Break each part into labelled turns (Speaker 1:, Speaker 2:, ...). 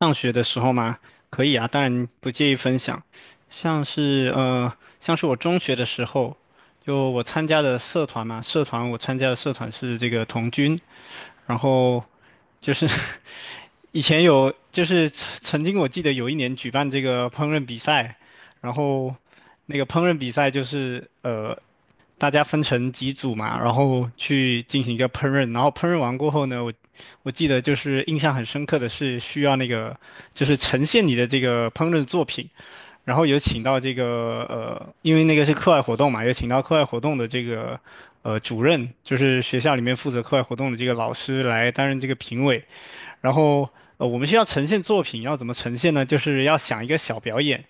Speaker 1: 上学的时候嘛，可以啊，当然不介意分享。像是呃，像是我中学的时候，就我参加的社团嘛，我参加的社团是这个童军，然后就是 以前有，就是曾经我记得有一年举办这个烹饪比赛，然后那个烹饪比赛就是大家分成几组嘛，然后去进行一个烹饪，然后烹饪完过后呢，我记得就是印象很深刻的是需要那个就是呈现你的这个烹饪作品，然后有请到这个因为那个是课外活动嘛，有请到课外活动的这个主任，就是学校里面负责课外活动的这个老师来担任这个评委，然后。我们需要呈现作品，要怎么呈现呢？就是要想一个小表演，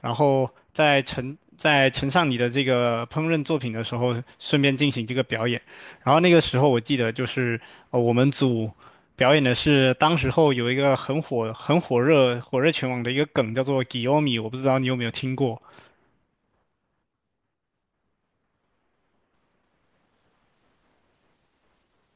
Speaker 1: 然后在呈上你的这个烹饪作品的时候，顺便进行这个表演。然后那个时候我记得就是我们组表演的是当时候有一个很火热全网的一个梗叫做 Giomi 我不知道你有没有听过。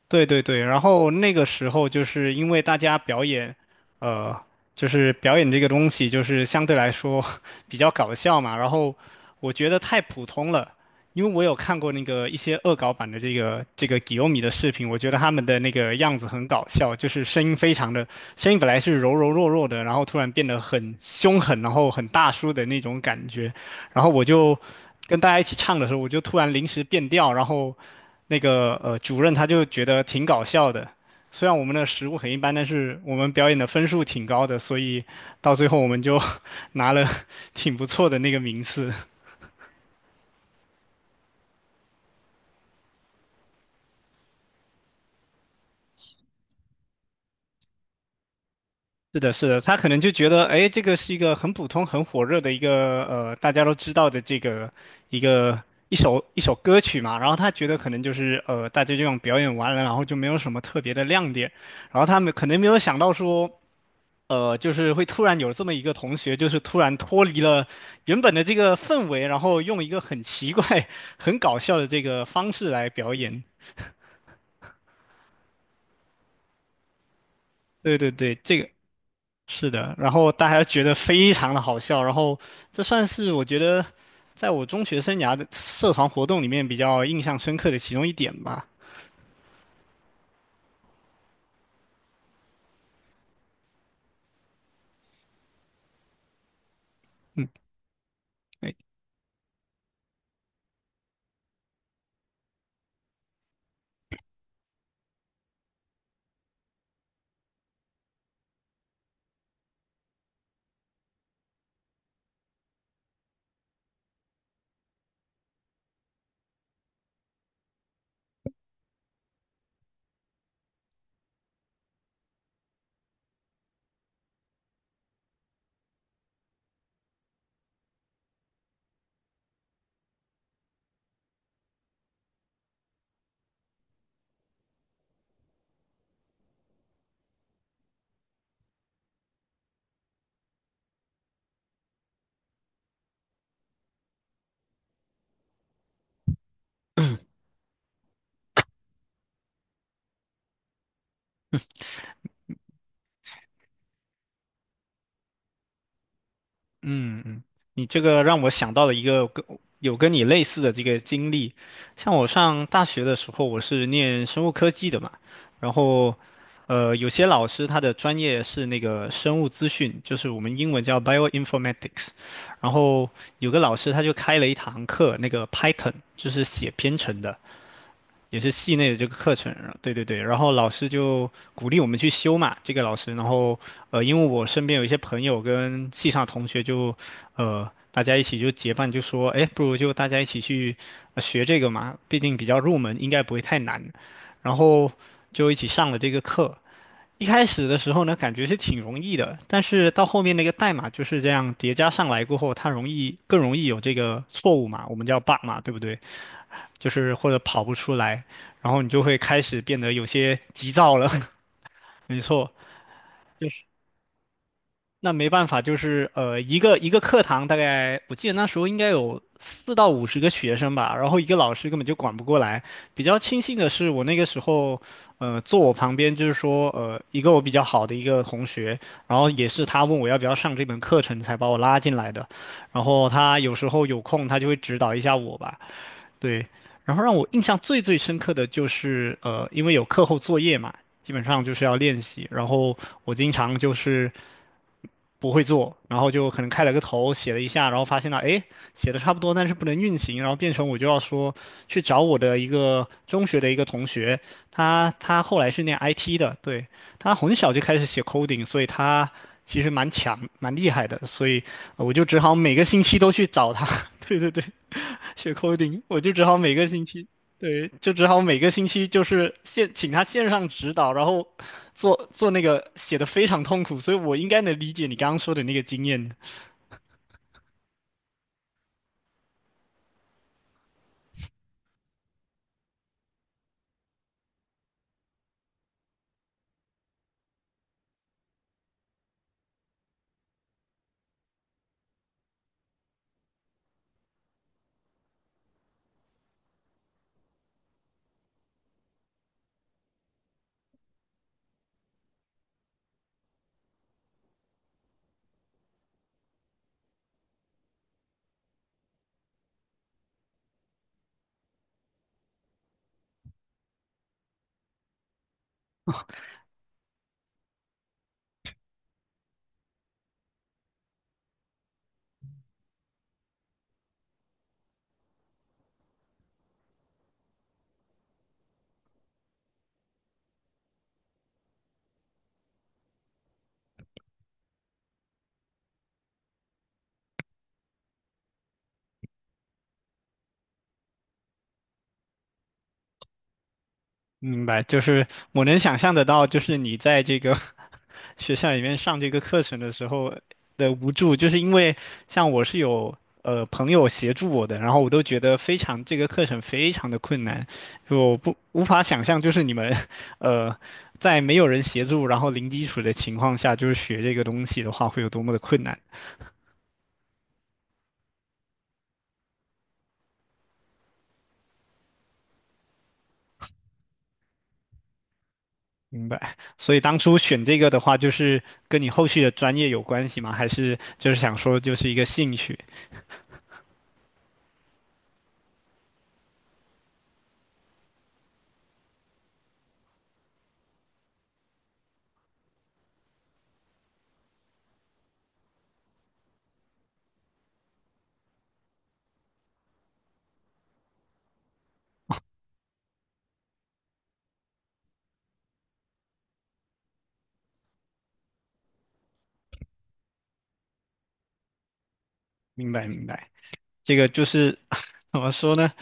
Speaker 1: 对对对，然后那个时候就是因为大家表演，呃，就是表演这个东西就是相对来说 比较搞笑嘛，然后我觉得太普通了，因为我有看过那个一些恶搞版的这个吉欧米的视频，我觉得他们的那个样子很搞笑，就是声音非常的，声音本来是柔柔弱弱的，然后突然变得很凶狠，然后很大叔的那种感觉，然后我就跟大家一起唱的时候，我就突然临时变调，然后。那个主任他就觉得挺搞笑的。虽然我们的食物很一般，但是我们表演的分数挺高的，所以到最后我们就 拿了挺不错的那个名次。是的，是的，他可能就觉得，哎，这个是一个很普通、很火热的一个大家都知道的这个一个一首歌曲嘛，然后他觉得可能就是大家就这样表演完了，然后就没有什么特别的亮点，然后他们可能没有想到说就是会突然有这么一个同学，就是突然脱离了原本的这个氛围，然后用一个很奇怪、很搞笑的这个方式来表演。对对对，这个是的。然后大家觉得非常的好笑，然后这算是我觉得在我中学生涯的社团活动里面比较印象深刻的其中一点吧。嗯，嗯嗯，你这个让我想到了一个跟你类似的这个经历，像我上大学的时候，我是念生物科技的嘛，然后，有些老师他的专业是那个生物资讯，就是我们英文叫 bioinformatics，然后有个老师他就开了一堂课，那个 Python 就是写编程的，也是系内的这个课程，对对对，然后老师就鼓励我们去修嘛，这个老师，然后因为我身边有一些朋友跟系上同学就，大家一起就结伴就说，哎，不如就大家一起去学这个嘛，毕竟比较入门，应该不会太难，然后就一起上了这个课。一开始的时候呢，感觉是挺容易的，但是到后面那个代码就是这样叠加上来过后，它更容易有这个错误嘛，我们叫 bug 嘛，对不对？就是或者跑不出来，然后你就会开始变得有些急躁了。没错，就是那没办法，就是一个课堂大概我记得那时候应该有4到50个学生吧，然后一个老师根本就管不过来。比较庆幸的是，我那个时候坐我旁边就是说一个我比较好的同学，然后也是他问我要不要上这门课程才把我拉进来的，然后他有时候有空他就会指导一下我吧。对，然后让我印象最最深刻的就是，因为有课后作业嘛，基本上就是要练习。然后我经常就是不会做，然后就可能开了个头，写了一下，然后发现了，哎，写的差不多，但是不能运行，然后变成我就要说去找我的一个中学的一个同学，他后来是念 IT 的，对，他很小就开始写 coding，所以他其实蛮强蛮厉害的，所以我就只好每个星期都去找他。对对对。学 coding，我就只好每个星期，对，就只好每个星期就是请他线上指导，然后做做那个写的非常痛苦，所以我应该能理解你刚刚说的那个经验。明白，就是我能想象得到，就是你在这个 学校里面上这个课程的时候的无助，就是因为像我是有朋友协助我的，然后我都觉得非常这个课程非常的困难，就我不无法想象，就是你们 呃在没有人协助，然后零基础的情况下，就是学这个东西的话会有多么的困难。明白，所以当初选这个的话，就是跟你后续的专业有关系吗？还是就是想说就是一个兴趣？明白，明白。这个就是 怎么说呢？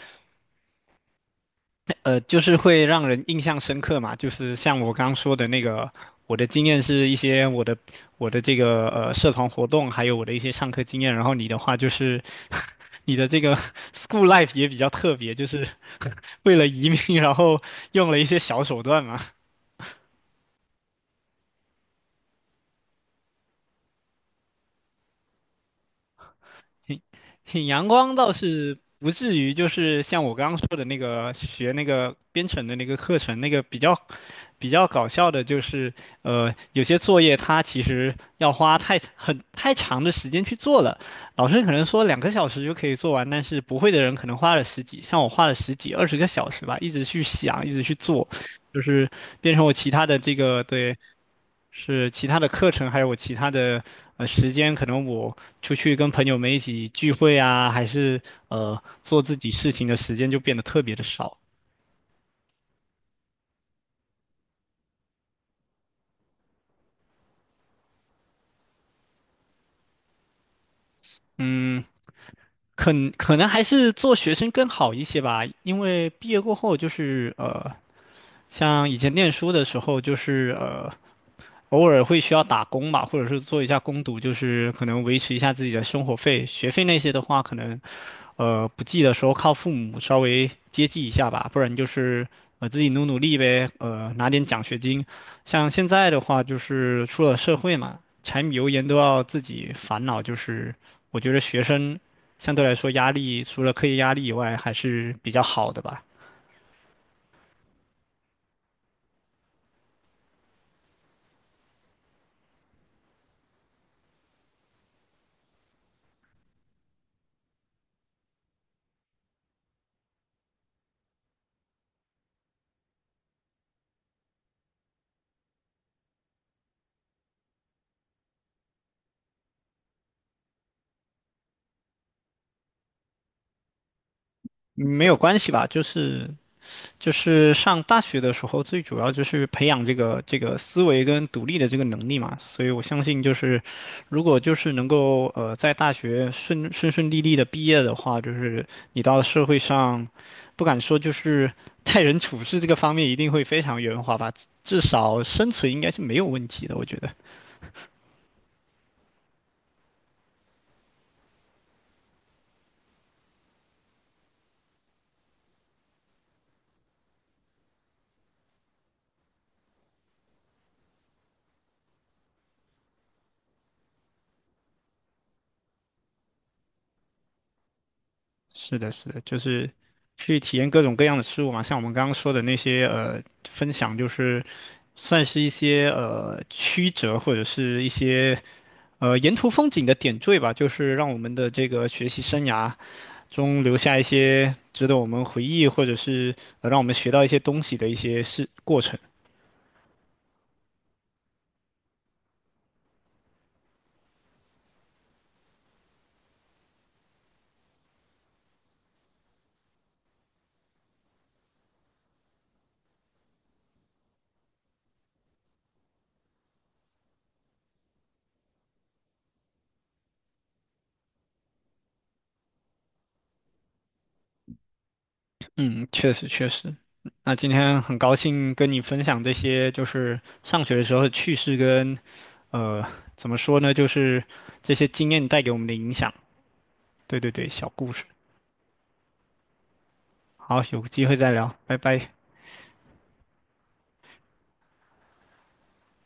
Speaker 1: 就是会让人印象深刻嘛。就是像我刚刚说的那个，我的经验是一些我的这个社团活动，还有我的一些上课经验。然后你的话就是 你的这个 school life 也比较特别，就是 为了移民，然后用了一些小手段嘛。挺挺阳光倒是不至于，就是像我刚刚说的那个学那个编程的那个课程，那个比较搞笑的就是，有些作业它其实要花太长的时间去做了，老师可能说2个小时就可以做完，但是不会的人可能花了十几，像我花了十几二十个小时吧，一直去想，一直去做，就是变成我其他的这个对，是其他的课程，还有我其他的时间，可能我出去跟朋友们一起聚会啊，还是做自己事情的时间就变得特别的少，嗯。可可能还是做学生更好一些吧，因为毕业过后就是像以前念书的时候就是偶尔会需要打工嘛，或者是做一下工读，就是可能维持一下自己的生活费。学费那些的话，可能不济的时候靠父母稍微接济一下吧，不然就是自己努努力呗，拿点奖学金。像现在的话，就是出了社会嘛，柴米油盐都要自己烦恼，就是我觉得学生相对来说压力除了课业压力以外还是比较好的吧，嗯没有关系吧，就是上大学的时候，最主要就是培养这个思维跟独立的这个能力嘛。所以我相信，就是如果就是能够在大学顺顺利利的毕业的话，就是你到社会上，不敢说就是待人处事这个方面一定会非常圆滑吧，至少生存应该是没有问题的。我觉得是的，是的，就是去体验各种各样的事物嘛，像我们刚刚说的那些分享，就是。算是一些曲折或者是一些沿途风景的点缀吧，就是让我们的这个学习生涯中留下一些值得我们回忆，或者是让我们学到一些东西的一些事过程。嗯，确实确实。那今天很高兴跟你分享这些，就是上学的时候的趣事跟呃怎么说呢，就是这些经验带给我们的影响。对对对，小故事。好，有机会再聊，拜拜。